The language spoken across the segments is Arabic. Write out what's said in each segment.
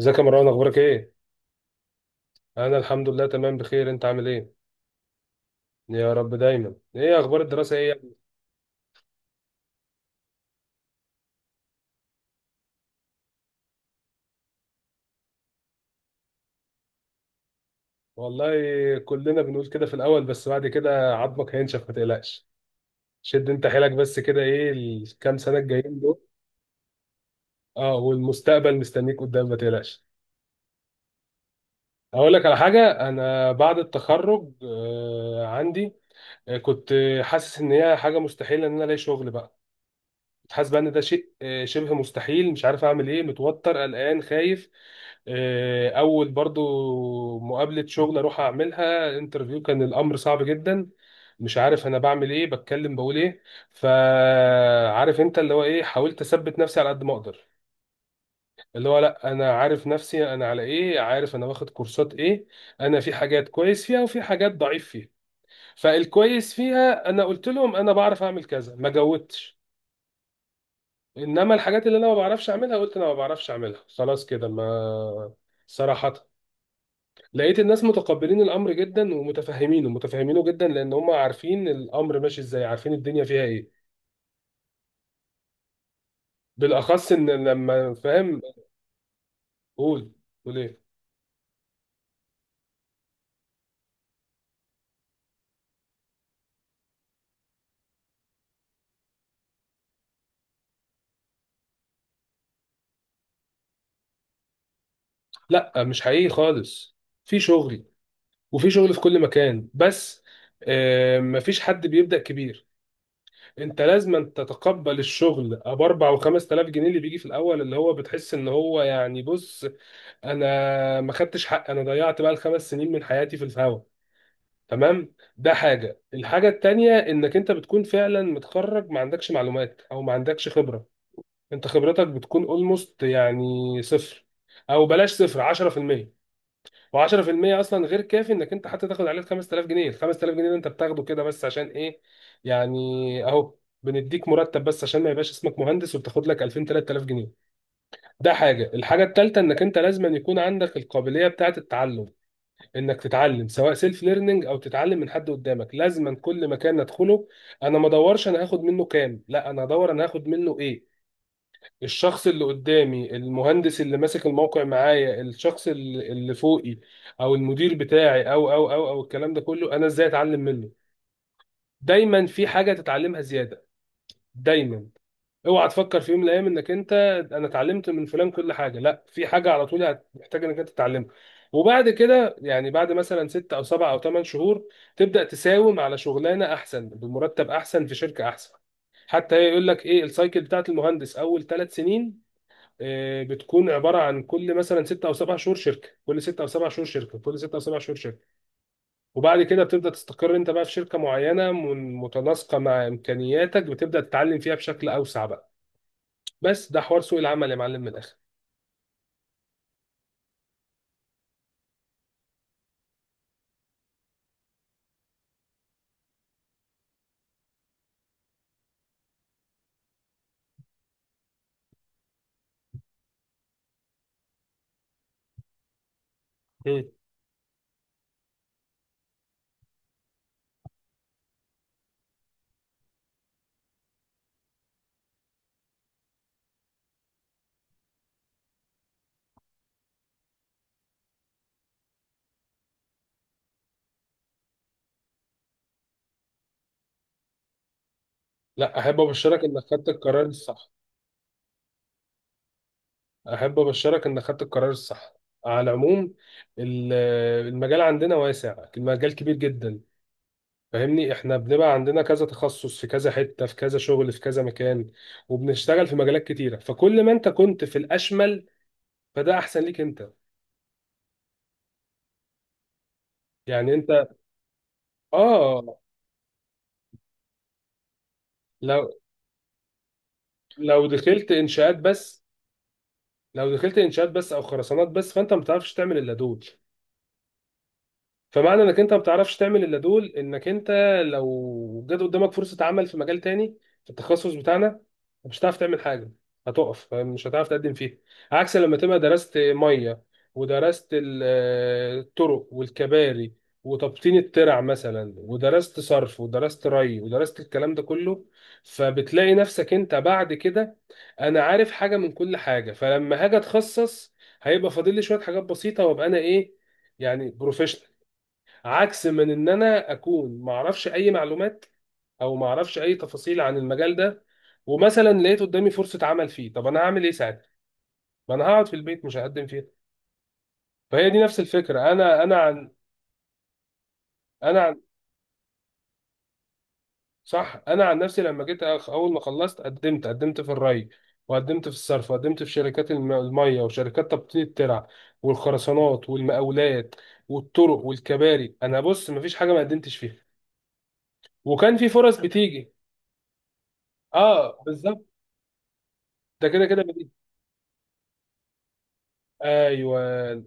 ازيك يا مروان؟ اخبارك ايه؟ انا الحمد لله تمام بخير. انت عامل ايه؟ يا رب دايما. ايه اخبار الدراسه ايه يا ابني؟ والله كلنا بنقول كده في الاول، بس بعد كده عظمك هينشف ما تقلقش. شد انت حيلك بس كده، ايه الكام سنه الجايين دول. اه، والمستقبل مستنيك قدام ما تقلقش. اقول لك على حاجه، انا بعد التخرج عندي، كنت حاسس ان هي حاجه مستحيله ان انا الاقي شغل بقى. حاسس بقى ان ده شيء شبه مستحيل. مش عارف اعمل ايه، متوتر قلقان خايف. اول برضو مقابلة شغل اروح اعملها انترفيو، كان الامر صعب جدا. مش عارف انا بعمل ايه، بتكلم بقول ايه. فعارف انت اللي هو ايه، حاولت اثبت نفسي على قد ما اقدر. اللي هو لا، انا عارف نفسي انا على ايه، عارف انا واخد كورسات ايه. انا في حاجات كويس فيها وفي حاجات ضعيف فيها. فالكويس فيها انا قلت لهم انا بعرف اعمل كذا، ما جودتش. انما الحاجات اللي انا ما بعرفش اعملها، قلت انا ما بعرفش اعملها، خلاص كده. ما صراحة لقيت الناس متقبلين الامر جدا ومتفهمينه، متفهمينه جدا، لان هم عارفين الامر ماشي ازاي، عارفين الدنيا فيها ايه، بالاخص ان لما فاهم. قول، قول ايه؟ لا مش حقيقي خالص. في شغل، وفي شغل في كل مكان، بس مفيش حد بيبدأ كبير. انت لازم تتقبل الشغل ابو 4 و 5000 جنيه اللي بيجي في الاول، اللي هو بتحس ان هو يعني، بص، انا ما خدتش حق، انا ضيعت بقى الخمس سنين من حياتي في الهوا. تمام، ده حاجه. الحاجه التانية انك انت بتكون فعلا متخرج ما عندكش معلومات او ما عندكش خبره. انت خبرتك بتكون اولموست يعني صفر، او بلاش صفر، 10%. و10% اصلا غير كافي انك انت حتى تاخد عليه ال 5000 جنيه. ال 5000 جنيه ده انت بتاخده كده بس عشان ايه، يعني؟ اهو، بنديك مرتب بس عشان ما يبقاش اسمك مهندس، وبتاخد لك 2000 3000 جنيه. ده حاجه. الحاجه الثالثه انك انت لازم أن يكون عندك القابليه بتاعه التعلم، انك تتعلم سواء سيلف ليرنينج او تتعلم من حد قدامك. لازما كل مكان ندخله، انا ما ادورش انا هاخد منه كام، لا، انا ادور انا هاخد منه ايه. الشخص اللي قدامي، المهندس اللي ماسك الموقع معايا، الشخص اللي فوقي، او المدير بتاعي، او الكلام ده كله، انا ازاي اتعلم منه. دايما في حاجة تتعلمها زيادة، دايما. اوعى تفكر في يوم من الايام انك انت، انا اتعلمت من فلان كل حاجه. لا، في حاجه على طول هتحتاج انك انت تتعلمها. وبعد كده يعني بعد مثلا ست او سبع او ثمان شهور، تبدا تساوم على شغلانه احسن بمرتب احسن في شركه احسن. حتى يقول لك ايه السايكل بتاعت المهندس اول ثلاث سنين، بتكون عباره عن كل مثلا ست او سبع شهور شركه، كل ست او سبع شهور شركه، كل ست او سبع شهور شركه. وبعد كده بتبدا تستقر انت بقى في شركه معينه متناسقه مع امكانياتك، بتبدا تتعلم فيها بشكل اوسع بقى. بس ده حوار سوق العمل يا معلم من الاخر. مم. لا، احب ابشرك انك خدت القرار الصح. احب ابشرك انك خدت القرار الصح. على العموم ال- المجال عندنا واسع، المجال كبير جدا. فاهمني، احنا بنبقى عندنا كذا تخصص في كذا حتة، في كذا شغل في كذا مكان، وبنشتغل في مجالات كتيرة. فكل ما انت كنت في الاشمل، فده احسن ليك انت. يعني انت، اه، لو لو دخلت انشاءات بس، لو دخلت انشاءات بس او خرسانات بس، فانت ما بتعرفش تعمل الا دول. فمعنى انك انت ما بتعرفش تعمل الا دول، انك انت لو جت قدامك فرصه عمل في مجال تاني في التخصص بتاعنا، مش هتعرف تعمل حاجه، هتقف مش هتعرف تقدم فيها. عكس لما تبقى درست ميه، ودرست الطرق والكباري، وتبطين الترع مثلا، ودرست صرف، ودرست ري، ودرست الكلام ده كله. فبتلاقي نفسك انت بعد كده، انا عارف حاجه من كل حاجه، فلما هاجي اتخصص، هيبقى فاضل لي شويه حاجات بسيطه، وابقى انا ايه، يعني بروفيشنال. عكس من ان انا اكون ما اعرفش اي معلومات او ما اعرفش اي تفاصيل عن المجال ده، ومثلا لقيت قدامي فرصه عمل فيه. طب انا هعمل ايه ساعتها؟ ما انا هقعد في البيت مش هقدم فيها. فهي دي نفس الفكره. انا عن، انا عن، صح، انا عن نفسي لما جيت اول ما خلصت قدمت في الري، وقدمت في الصرف، وقدمت في شركات الميه، وشركات تبطين الترع، والخرسانات، والمقاولات، والطرق والكباري. انا بص مفيش حاجه ما قدمتش فيها، وكان في فرص بتيجي. اه بالظبط. ده كده كده. ايوه،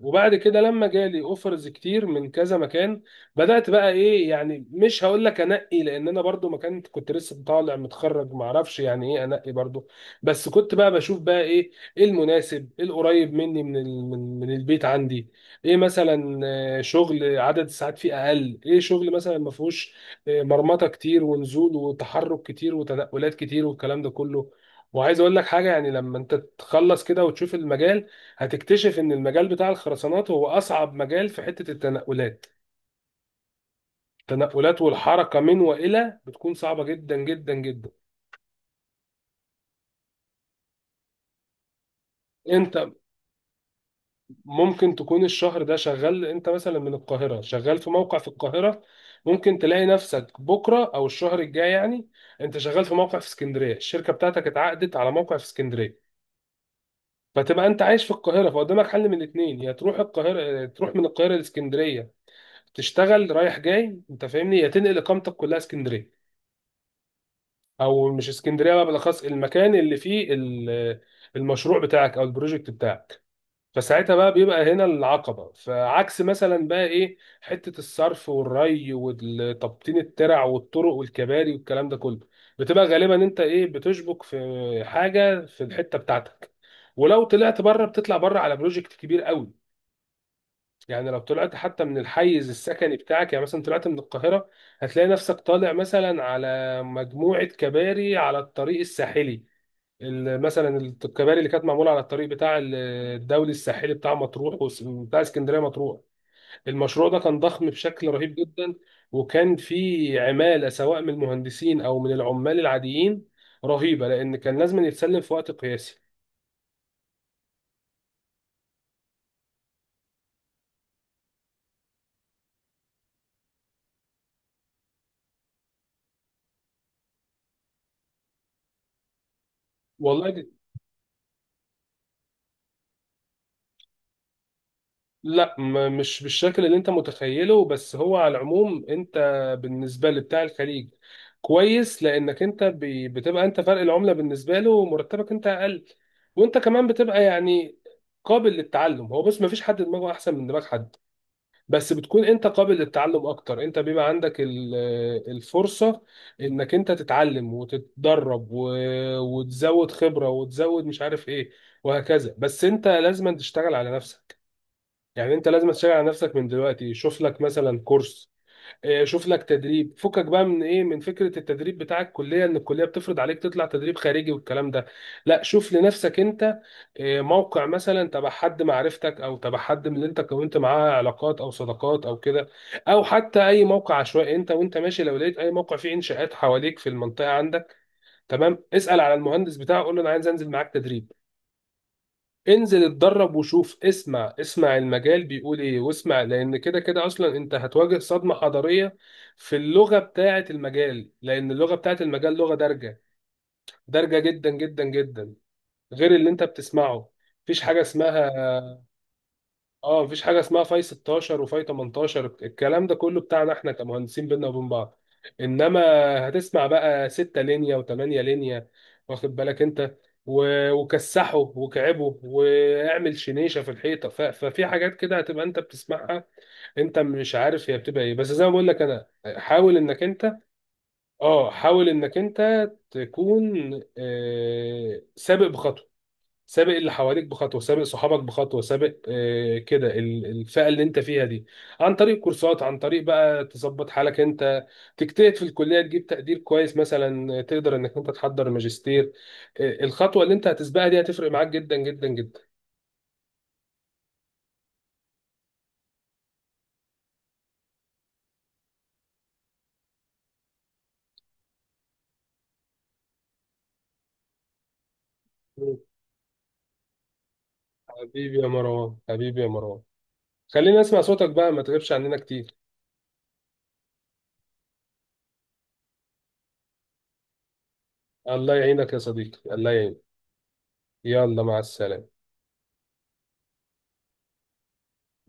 وبعد كده لما جالي اوفرز كتير من كذا مكان، بدات بقى ايه، يعني مش هقول لك انقي، لان انا برضو ما كنت لسه طالع متخرج ما اعرفش يعني ايه انقي برضو. بس كنت بقى بشوف بقى ايه، ايه المناسب، ايه القريب مني من ال- من من البيت عندي، ايه مثلا، شغل عدد الساعات فيه اقل، ايه شغل مثلا ما فيهوش مرمطه كتير ونزول وتحرك كتير وتنقلات كتير والكلام ده كله. وعايز اقول لك حاجه، يعني لما انت تخلص كده وتشوف المجال، هتكتشف ان المجال بتاع الخرسانات هو اصعب مجال في حتة التنقلات. التنقلات والحركة من والى بتكون صعبة جدا جدا جدا. انت ممكن تكون الشهر ده شغال انت مثلا من القاهرة، شغال في موقع في القاهرة. ممكن تلاقي نفسك بكرة او الشهر الجاي يعني، انت شغال في موقع في اسكندرية، الشركة بتاعتك اتعقدت على موقع في اسكندرية. فتبقى انت عايش في القاهرة، فقدامك حل من الاثنين، يا تروح القاهرة، تروح من القاهرة لاسكندرية، تشتغل رايح جاي، انت فاهمني، يا تنقل اقامتك كلها اسكندرية، او مش اسكندريه بقى، بالاخص المكان اللي فيه المشروع بتاعك او البروجكت بتاعك. فساعتها بقى بيبقى هنا العقبه. فعكس مثلا بقى ايه، حته الصرف والري وتبطين الترع والطرق والكباري والكلام ده كله، بتبقى غالبا انت ايه، بتشبك في حاجه في الحته بتاعتك. ولو طلعت بره، بتطلع بره على بروجكت كبير قوي. يعني لو طلعت حتى من الحيز السكني بتاعك، يعني مثلا طلعت من القاهرة، هتلاقي نفسك طالع مثلا على مجموعة كباري على الطريق الساحلي. مثلا الكباري اللي كانت معمولة على الطريق الدولي الساحلي، بتاع مطروح بتاع اسكندرية مطروح. المشروع ده كان ضخم بشكل رهيب جدا، وكان فيه عمالة سواء من المهندسين أو من العمال العاديين رهيبة، لأن كان لازم يتسلم في وقت قياسي. والله، لا، مش بالشكل اللي انت متخيله. بس هو على العموم انت بالنسبه لبتاع الخليج كويس، لانك انت بتبقى انت فرق العمله بالنسبه له، ومرتبك انت اقل، وانت كمان بتبقى يعني قابل للتعلم. هو بس ما فيش حد دماغه احسن من دماغ حد، بس بتكون انت قابل للتعلم اكتر. انت بيبقى عندك الفرصه انك انت تتعلم وتتدرب وتزود خبره، وتزود مش عارف ايه، وهكذا. بس انت لازم تشتغل على نفسك. يعني انت لازم تشتغل على نفسك من دلوقتي. شوف لك مثلا كورس، شوف لك تدريب. فكك بقى من ايه، من فكرة التدريب بتاع الكلية ان الكلية بتفرض عليك تطلع تدريب خارجي والكلام ده. لا، شوف لنفسك انت موقع مثلا تبع حد معرفتك، او تبع حد من اللي انت كونت معاه علاقات او صداقات او كده، او حتى اي موقع عشوائي انت وانت ماشي. لو لقيت اي موقع فيه انشاءات حواليك في المنطقة عندك، تمام، اسأل على المهندس بتاعه، قول له انا عايز انزل معاك تدريب. انزل اتدرب وشوف، اسمع، اسمع المجال بيقول ايه واسمع، لان كده كده اصلا انت هتواجه صدمة حضارية في اللغة بتاعة المجال. لان اللغة بتاعة المجال لغة دارجة، دارجة جدا جدا جدا، غير اللي انت بتسمعه. مفيش حاجة اسمها، اه مفيش حاجه اسمها فاي 16 وفاي 18، الكلام ده كله بتاعنا احنا كمهندسين بينا وبين بعض. انما هتسمع بقى 6 لينيا و8 لينيا، واخد بالك انت، وكسحه وكعبه واعمل شنيشه في الحيطه. ففي حاجات كده هتبقى انت بتسمعها، انت مش عارف هي بتبقى ايه. بس زي ما بقول لك انا، حاول انك انت، اه، حاول انك انت تكون سابق بخطوه، سابق اللي حواليك بخطوه، سابق صحابك بخطوه، سابق كده الفئه اللي انت فيها دي، عن طريق كورسات، عن طريق بقى تظبط حالك انت، تجتهد في الكليه، تجيب تقدير كويس مثلا، تقدر انك انت تحضر ماجستير. الخطوه اللي انت هتسبقها دي هتفرق معاك جدا جدا جدا. حبيبي يا مروان، حبيبي يا مروان، خلينا نسمع صوتك بقى، ما تغيبش عننا كتير. الله يعينك يا صديقي، الله يعينك. يلا، مع السلامه.